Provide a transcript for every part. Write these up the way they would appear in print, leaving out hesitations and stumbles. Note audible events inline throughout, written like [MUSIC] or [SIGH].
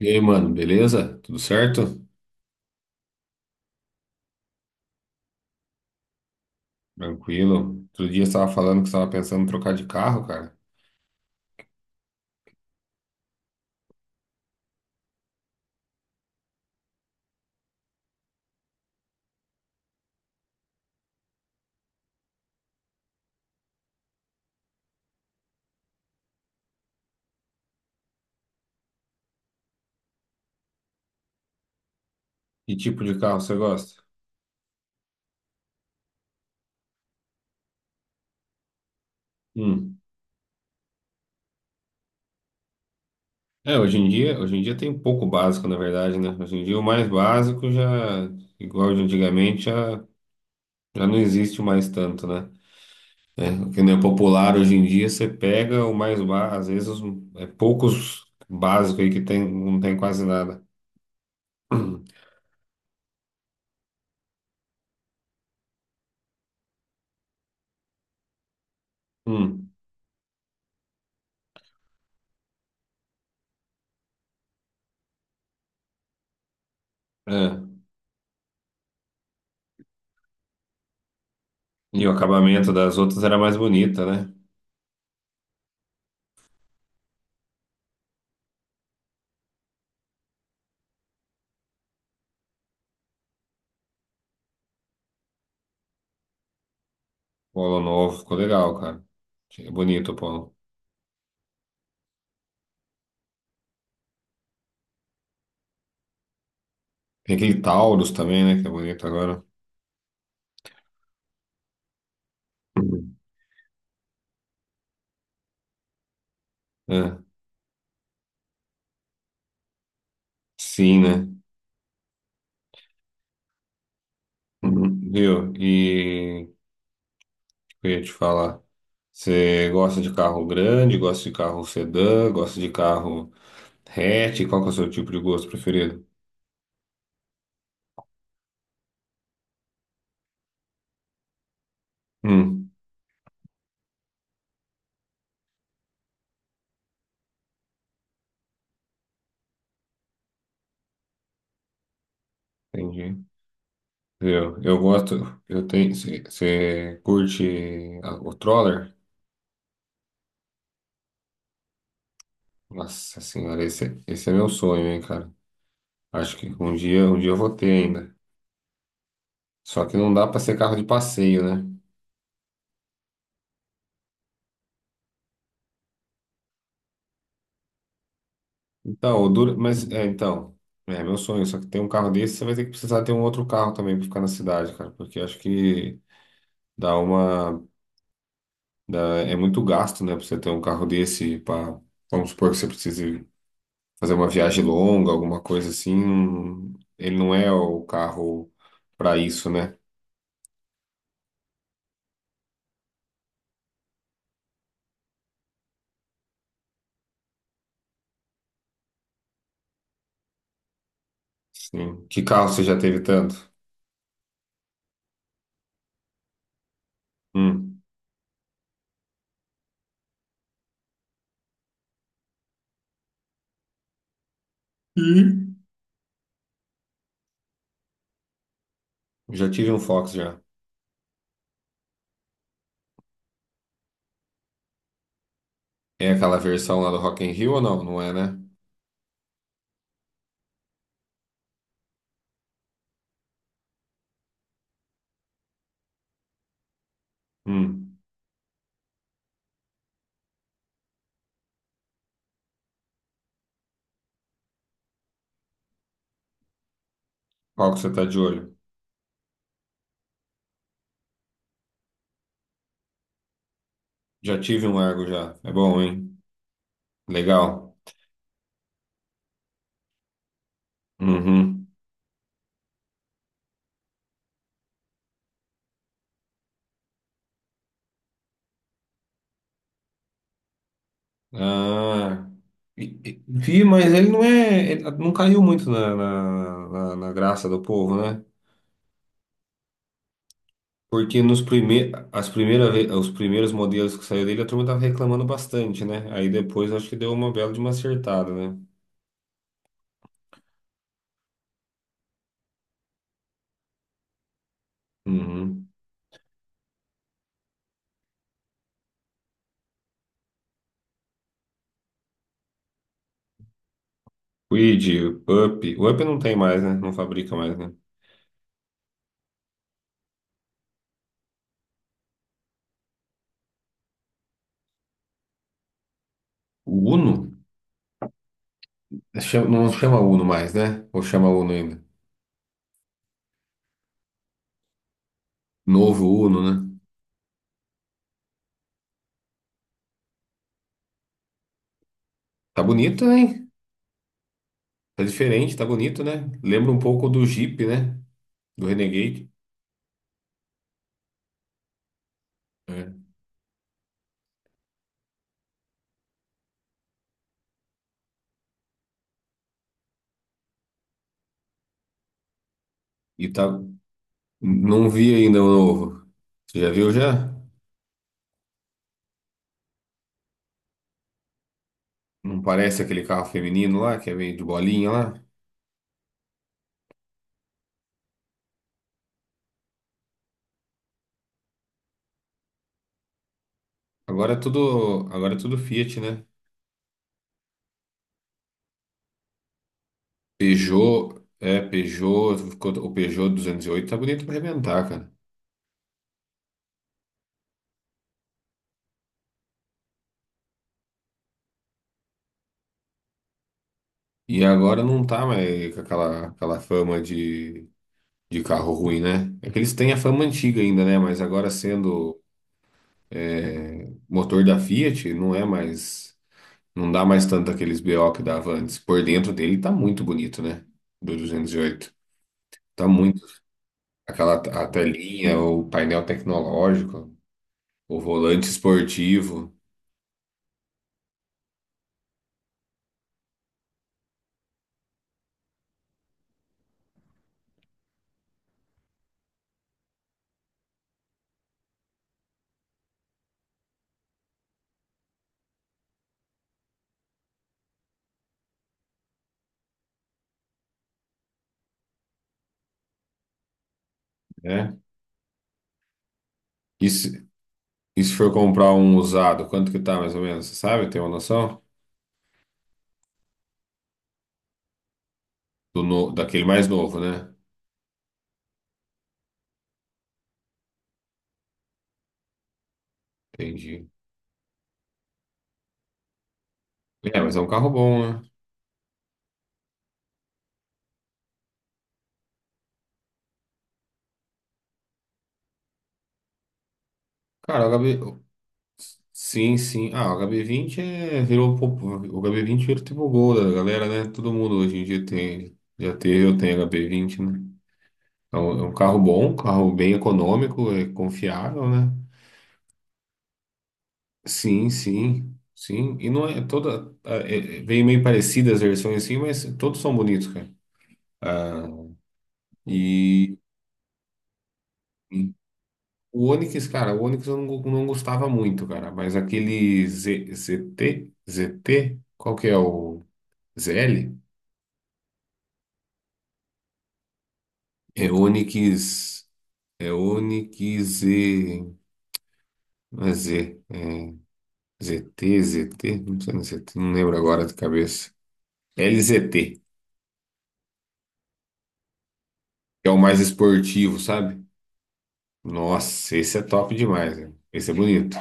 E aí, mano, beleza? Tudo certo? Tranquilo. Outro dia você estava falando que você estava pensando em trocar de carro, cara. Que tipo de carro você gosta? Hum. É, hoje em dia tem um pouco básico, na verdade, né? Hoje em dia o mais básico já, igual de antigamente, já não existe mais tanto, né? O que não é popular hoje em dia, você pega o mais básico, às vezes os, é poucos básicos aí que tem, não tem quase nada. [CLEARS THROAT] Hum. É. E o acabamento das outras era mais bonita, né? Polo novo, ficou legal, cara. É bonito o polo. Tem aquele Taurus também, né? Que é bonito agora. Uhum. É, sim, né? Uhum. Viu? E o que eu ia te falar. Você gosta de carro grande, gosta de carro sedã, gosta de carro hatch? Qual que é o seu tipo de gosto preferido? Hum, entendi. Viu? Eu gosto. Eu tenho. Você curte o Troller? Nossa senhora, esse é meu sonho, hein, cara. Acho que um dia eu vou ter ainda. Só que não dá para ser carro de passeio, né? Então, o dura... mas é, então, é meu sonho, só que ter um carro desse, você vai ter que precisar ter um outro carro também para ficar na cidade, cara, porque eu acho que dá uma é muito gasto, né, para você ter um carro desse para vamos supor que você precise fazer uma viagem longa, alguma coisa assim, ele não é o carro para isso, né? Sim. Que carro você já teve tanto? Hum. Ih. Já tive um Fox já. É aquela versão lá do Rock in Rio ou não? Não é, né? Hum. Qual que você tá de olho? Já tive um Argo já. É bom, hein? Legal. Uhum. Ah, vi, mas ele não é. Ele não caiu muito na, na graça do povo, né? Porque nos prime, as primeiras, ve- os primeiros modelos que saiu dele, a turma tava reclamando bastante, né? Aí depois acho que deu uma bela de uma acertada, né? Uhum. Quid, Up. O Up não tem mais, né? Não fabrica mais, né? O Uno? Não chama Uno mais, né? Ou chama Uno ainda? Novo Uno, né? Tá bonito, hein? Tá diferente, tá bonito, né? Lembra um pouco do Jeep, né? Do Renegade. É. E tá. Não vi ainda o novo. Você já viu já? Não parece aquele carro feminino lá, que é meio de bolinha lá? Agora é tudo Fiat, né? Peugeot, é, Peugeot, ficou- o Peugeot 208 tá bonito pra arrebentar, cara. E agora não tá mais com aquela fama de carro ruim, né? É que eles têm a fama antiga ainda, né? Mas agora sendo motor da Fiat, não é mais. Não dá mais tanto aqueles B o que dava antes. Por dentro dele tá muito bonito, né? Do 208. Tá muito. A telinha, o painel tecnológico, o volante esportivo, né? E se, e se for comprar um usado, quanto que tá mais ou menos? Você sabe? Tem uma noção? Do daquele mais novo, né? Entendi. É, mas é um carro bom, né? Cara, o H B. Sim, sim. Ah, o H B 20 virou tipo o gol da galera, né? Todo mundo hoje em dia tem. Já teve, eu tenho H-B 20, né? É um carro bom, um carro bem econômico, é confiável, né? Sim, sim, sim. E não é toda. Vem meio parecidas as versões assim, mas todos são bonitos, cara. Ah, e, e o Onix, cara, o Onix eu não gostava muito, cara. Mas aquele Z, ZT, ZT, qual que é o ZL? É Onix. É Onix Z. Não é Z. É ZT, ZT. Não sei, não sei, não lembro agora de cabeça. LZT, que é o mais esportivo, sabe? Nossa, esse é top demais, né? Esse é bonito.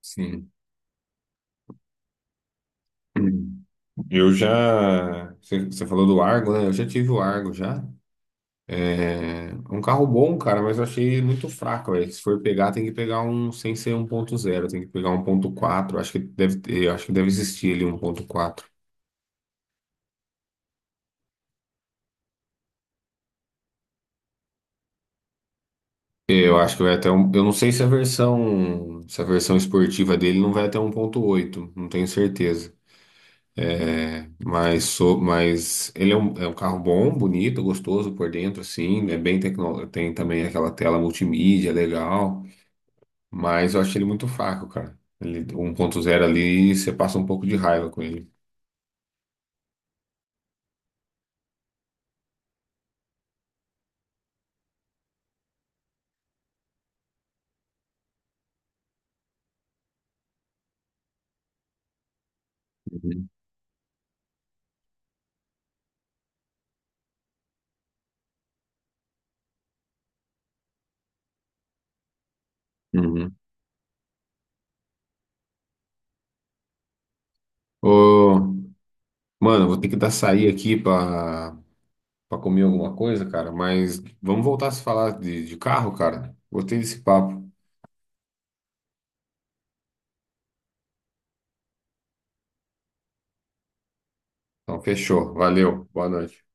Sim. Eu já. Você falou do Argo, né? Eu já tive o Argo já. É um carro bom, cara, mas eu achei muito fraco, velho. Se for pegar, tem que pegar um sem ser 1.0, tem que pegar um 1.4. Acho que deve ter, eu acho que deve existir ali um 1.4. Eu acho que vai até um, eu não sei se a versão esportiva dele não vai até um 1.8, não tenho certeza. Mas ele é um, carro bom, bonito, gostoso por dentro, assim, é bem tecno, tem também aquela tela multimídia legal, mas eu acho ele muito fraco, cara. Ele 1.0 ali, você passa um pouco de raiva com ele. Uhum. Uhum. Ô, mano, vou ter que dar sair aqui pra comer alguma coisa, cara, mas vamos voltar a se falar de carro, cara. Gostei desse papo. Então, fechou. Valeu. Boa noite.